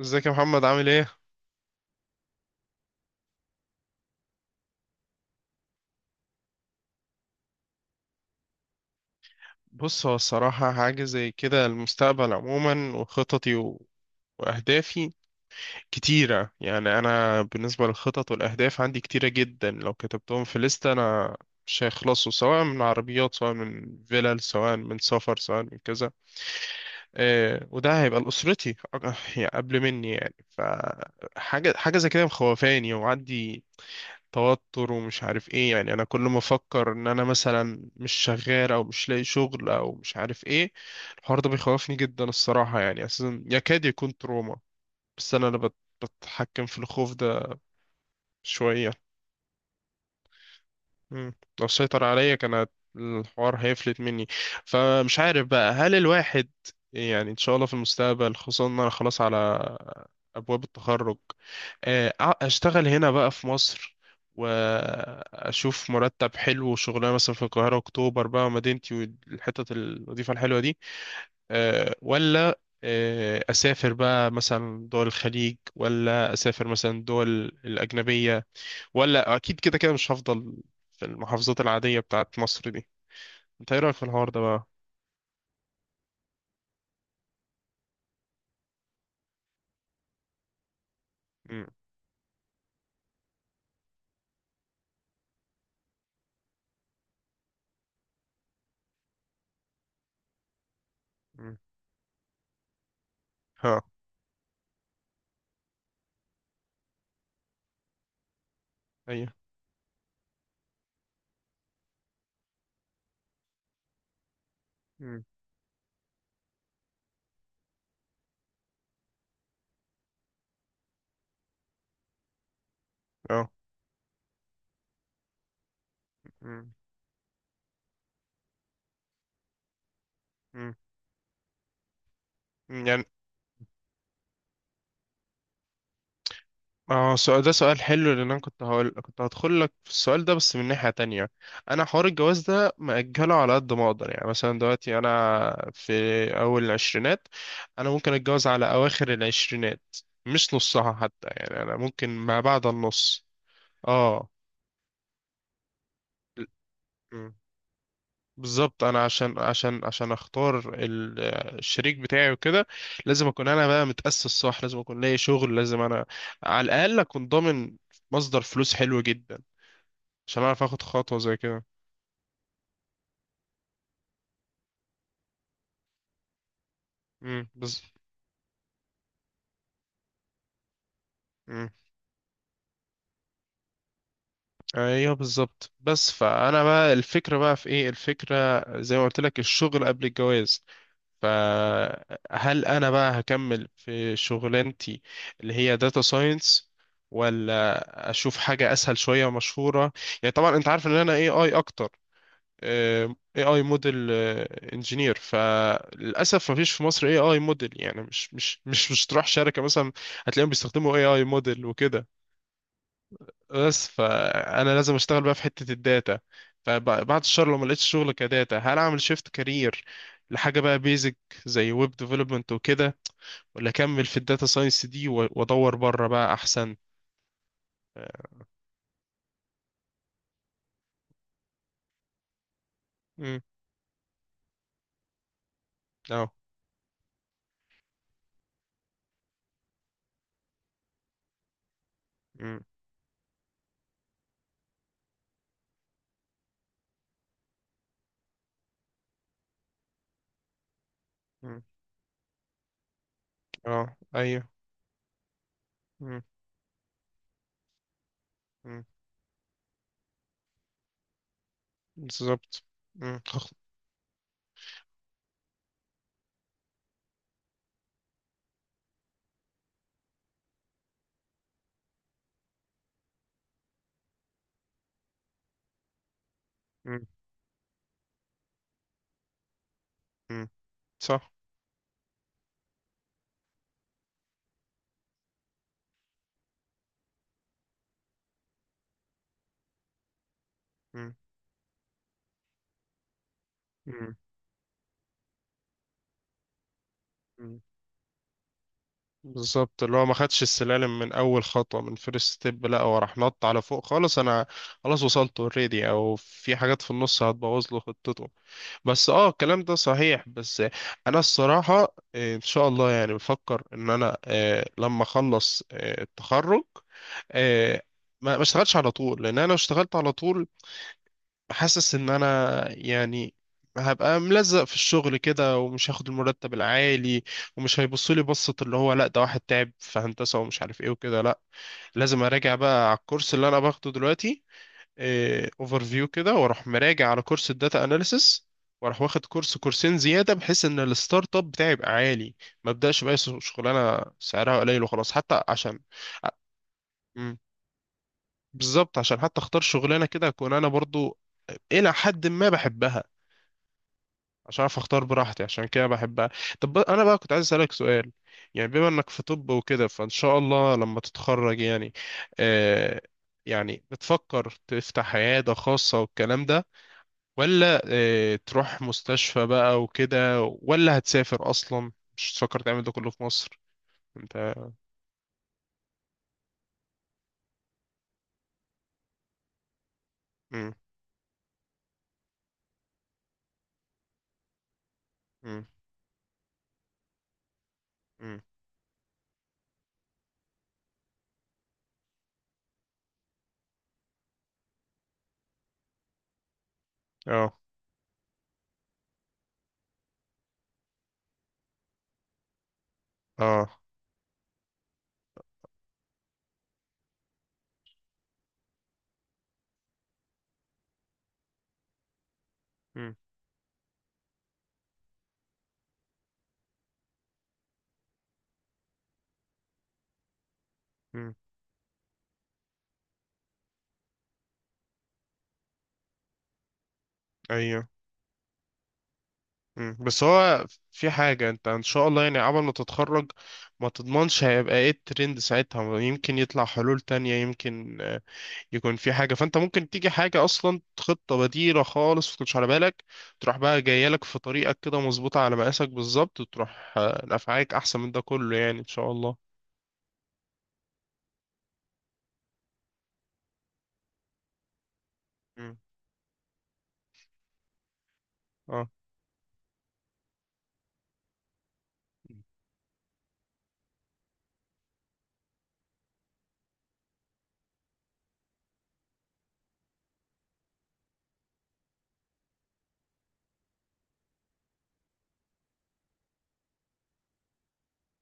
ازيك يا محمد عامل ايه؟ بص هو الصراحة حاجة زي كده المستقبل عموما وخططي وأهدافي كتيرة. يعني أنا بالنسبة للخطط والأهداف عندي كتيرة جدا، لو كتبتهم في لستة أنا مش هيخلصوا، سواء من عربيات، سواء من فيلل، سواء من سفر، سواء من كذا. إيه وده هيبقى لأسرتي يعني قبل مني، يعني فحاجة حاجة زي كده مخوفاني، وعندي توتر ومش عارف ايه. يعني انا كل ما افكر ان انا مثلا مش شغال او مش لاقي شغل او مش عارف ايه، الحوار ده بيخوفني جدا الصراحة، يعني اساسا يكاد يكون تروما. بس انا اللي بتحكم في الخوف ده شوية. مم. لو سيطر عليا كان الحوار هيفلت مني. فمش عارف بقى، هل الواحد يعني ان شاء الله في المستقبل، خصوصا ان انا خلاص على ابواب التخرج، اشتغل هنا بقى في مصر، واشوف مرتب حلو وشغلانه مثلا في القاهره، اكتوبر بقى مدينتي، والحتت الوظيفه الحلوه دي، ولا اسافر بقى مثلا دول الخليج، ولا اسافر مثلا دول الاجنبيه، ولا اكيد كده كده مش هفضل في المحافظات العادية بتاعت مصر دي. انت ايه رأيك في الحوار ده بقى؟ مم. مم. ها. ايوه. مم. اه. مم. مم. مم. يعني، اه سؤال، ده سؤال حلو، لان انا كنت هدخل لك في السؤال ده بس من ناحية تانية. انا حوار الجواز ده مأجله على قد ما اقدر. يعني مثلا دلوقتي انا في اول العشرينات، انا ممكن اتجوز على اواخر العشرينات، مش نصها حتى. يعني انا ممكن ما بعد النص. اه بالظبط، انا عشان اختار الشريك بتاعي وكده، لازم اكون انا بقى متأسس صح، لازم اكون لاقي شغل، لازم انا على الاقل اكون ضامن مصدر فلوس حلو جدا عشان اعرف اخد خطوة زي كده. امم بز... امم ايوه بالظبط. بس فانا بقى الفكرة بقى في ايه، الفكرة زي ما قلت لك الشغل قبل الجواز. فهل انا بقى هكمل في شغلانتي اللي هي داتا ساينس، ولا اشوف حاجة اسهل شوية ومشهورة؟ يعني طبعا انت عارف ان انا اي اي اكتر، اي اي موديل انجينير. فللاسف ما فيش في مصر اي اي موديل. يعني مش تروح شركة مثلا هتلاقيهم بيستخدموا اي اي موديل وكده. بس فانا لازم اشتغل بقى في حته الداتا. فبعد الشهر لو ما لقيتش شغل كداتا، هل اعمل شيفت كارير لحاجه بقى بيزك زي ويب ديفلوبمنت وكده، ولا اكمل في الداتا ساينس دي وادور بره بقى احسن؟ امم. اه. امم. أمم. اه. ايوه. امم. أمم. بالظبط. امم. أمم. أمم. صح. امم. أمم. بالظبط، اللي هو ما خدش السلالم من اول خطوه، من فيرست ستيب، لا هو راح نط على فوق خالص. انا خلاص وصلت اوريدي، او في حاجات في النص هتبوظ له خطته. بس اه الكلام ده صحيح. بس انا الصراحه ان شاء الله يعني بفكر ان انا لما اخلص التخرج، آه، ما اشتغلش على طول، لان انا لو اشتغلت على طول حاسس ان انا يعني هبقى ملزق في الشغل كده ومش هاخد المرتب العالي، ومش هيبصوا لي بصة اللي هو لا ده واحد تعب في هندسة ومش عارف ايه وكده. لا، لازم اراجع بقى على الكورس اللي انا باخده دلوقتي اوفر فيو كده، واروح مراجع على كورس الداتا اناليسس، واروح واخد كورس كورسين زيادة، بحيث ان الستارت اب بتاعي يبقى عالي. ما ابداش بقى شغلانة سعرها قليل وخلاص، حتى عشان. مم. بالظبط، عشان حتى اختار شغلانة كده اكون انا برضو الى حد ما بحبها، عشان اعرف اختار براحتي عشان كده بحبها. طب انا بقى كنت عايز اسالك سؤال، يعني بما انك في طب وكده، فان شاء الله لما تتخرج، يعني آه، يعني بتفكر تفتح عياده خاصه والكلام ده، ولا تروح مستشفى بقى وكده، ولا هتسافر اصلا، مش تفكر تعمل ده كله في مصر انت؟ مم. مم. مم. اه. اه. مم. مم. ايوه. مم. بس هو في حاجة انت ان شاء الله يعني عبل ما تتخرج، ما تضمنش هيبقى ايه الترند ساعتها. يمكن يطلع حلول تانية، يمكن يكون في حاجة، فانت ممكن تيجي حاجة اصلا خطة بديلة خالص ما كنتش على بالك، تروح بقى جاية لك في طريقك كده مظبوطة على مقاسك بالظبط، وتروح نفعاك احسن من ده كله يعني ان شاء الله. مم. اه.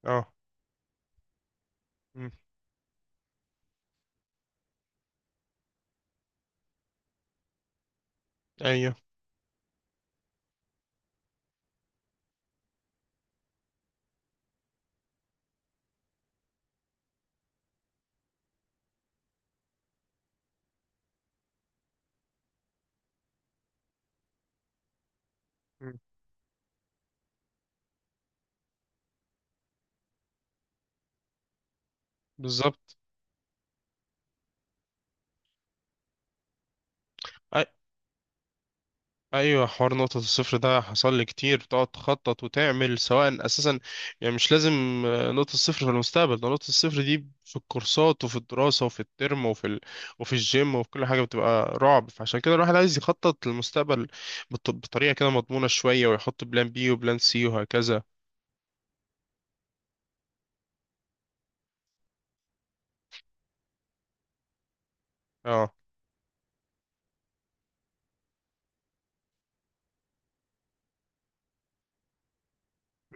اه. مم. ايوه. مم. بالظبط. ايوه حوار نقطة الصفر ده حصل لي كتير، تقعد تخطط وتعمل سواء اساسا. يعني مش لازم نقطة الصفر في المستقبل، ده نقطة الصفر دي في الكورسات وفي الدراسة وفي الترم وفي الجيم وفي كل حاجة، بتبقى رعب. فعشان كده الواحد عايز يخطط للمستقبل بطريقة كده مضمونة شوية، ويحط بلان بي وبلان سي وهكذا. اه.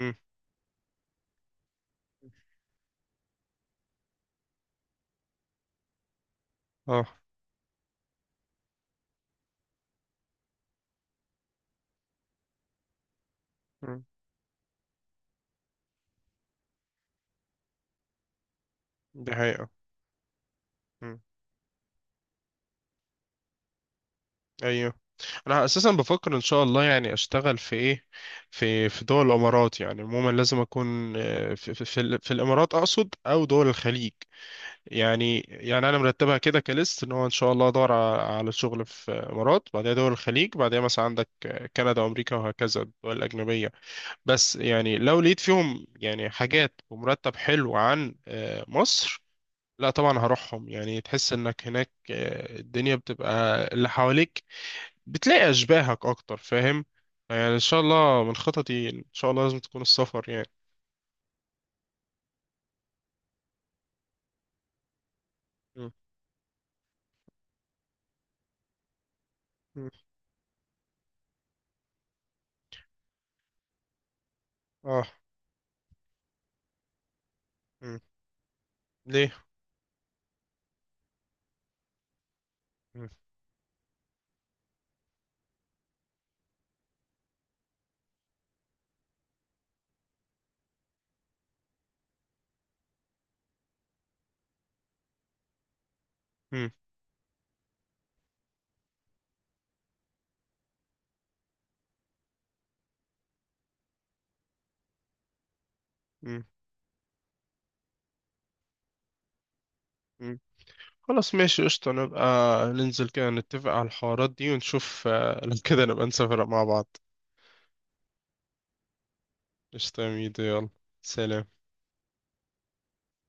امم. اه. امم. دي حقيقة. ايوه انا اساسا بفكر ان شاء الله يعني اشتغل في ايه، في دول الامارات. يعني عموما لازم اكون في الامارات اقصد، او دول الخليج. يعني انا مرتبها كده كليست، ان هو ان شاء الله ادور على شغل في امارات، بعدها دول الخليج، بعدها مثلا عندك كندا وامريكا وهكذا الدول الاجنبيه. بس يعني لو لقيت فيهم يعني حاجات ومرتب حلو عن مصر، لا طبعا هروحهم. يعني تحس انك هناك الدنيا بتبقى اللي حواليك بتلاقي أشباهك أكتر، فاهم؟ يعني إن شاء الله من خططي إن شاء الله لازم تكون السفر يعني. مم. مم. آه. مم. ليه؟ مم. مم. مم. مم. خلاص ماشي قشطة، نبقى ننزل كده نتفق على الحوارات دي، ونشوف لو كده نبقى نسافر مع بعض. قشطة يا ميدو، يلا. سلام.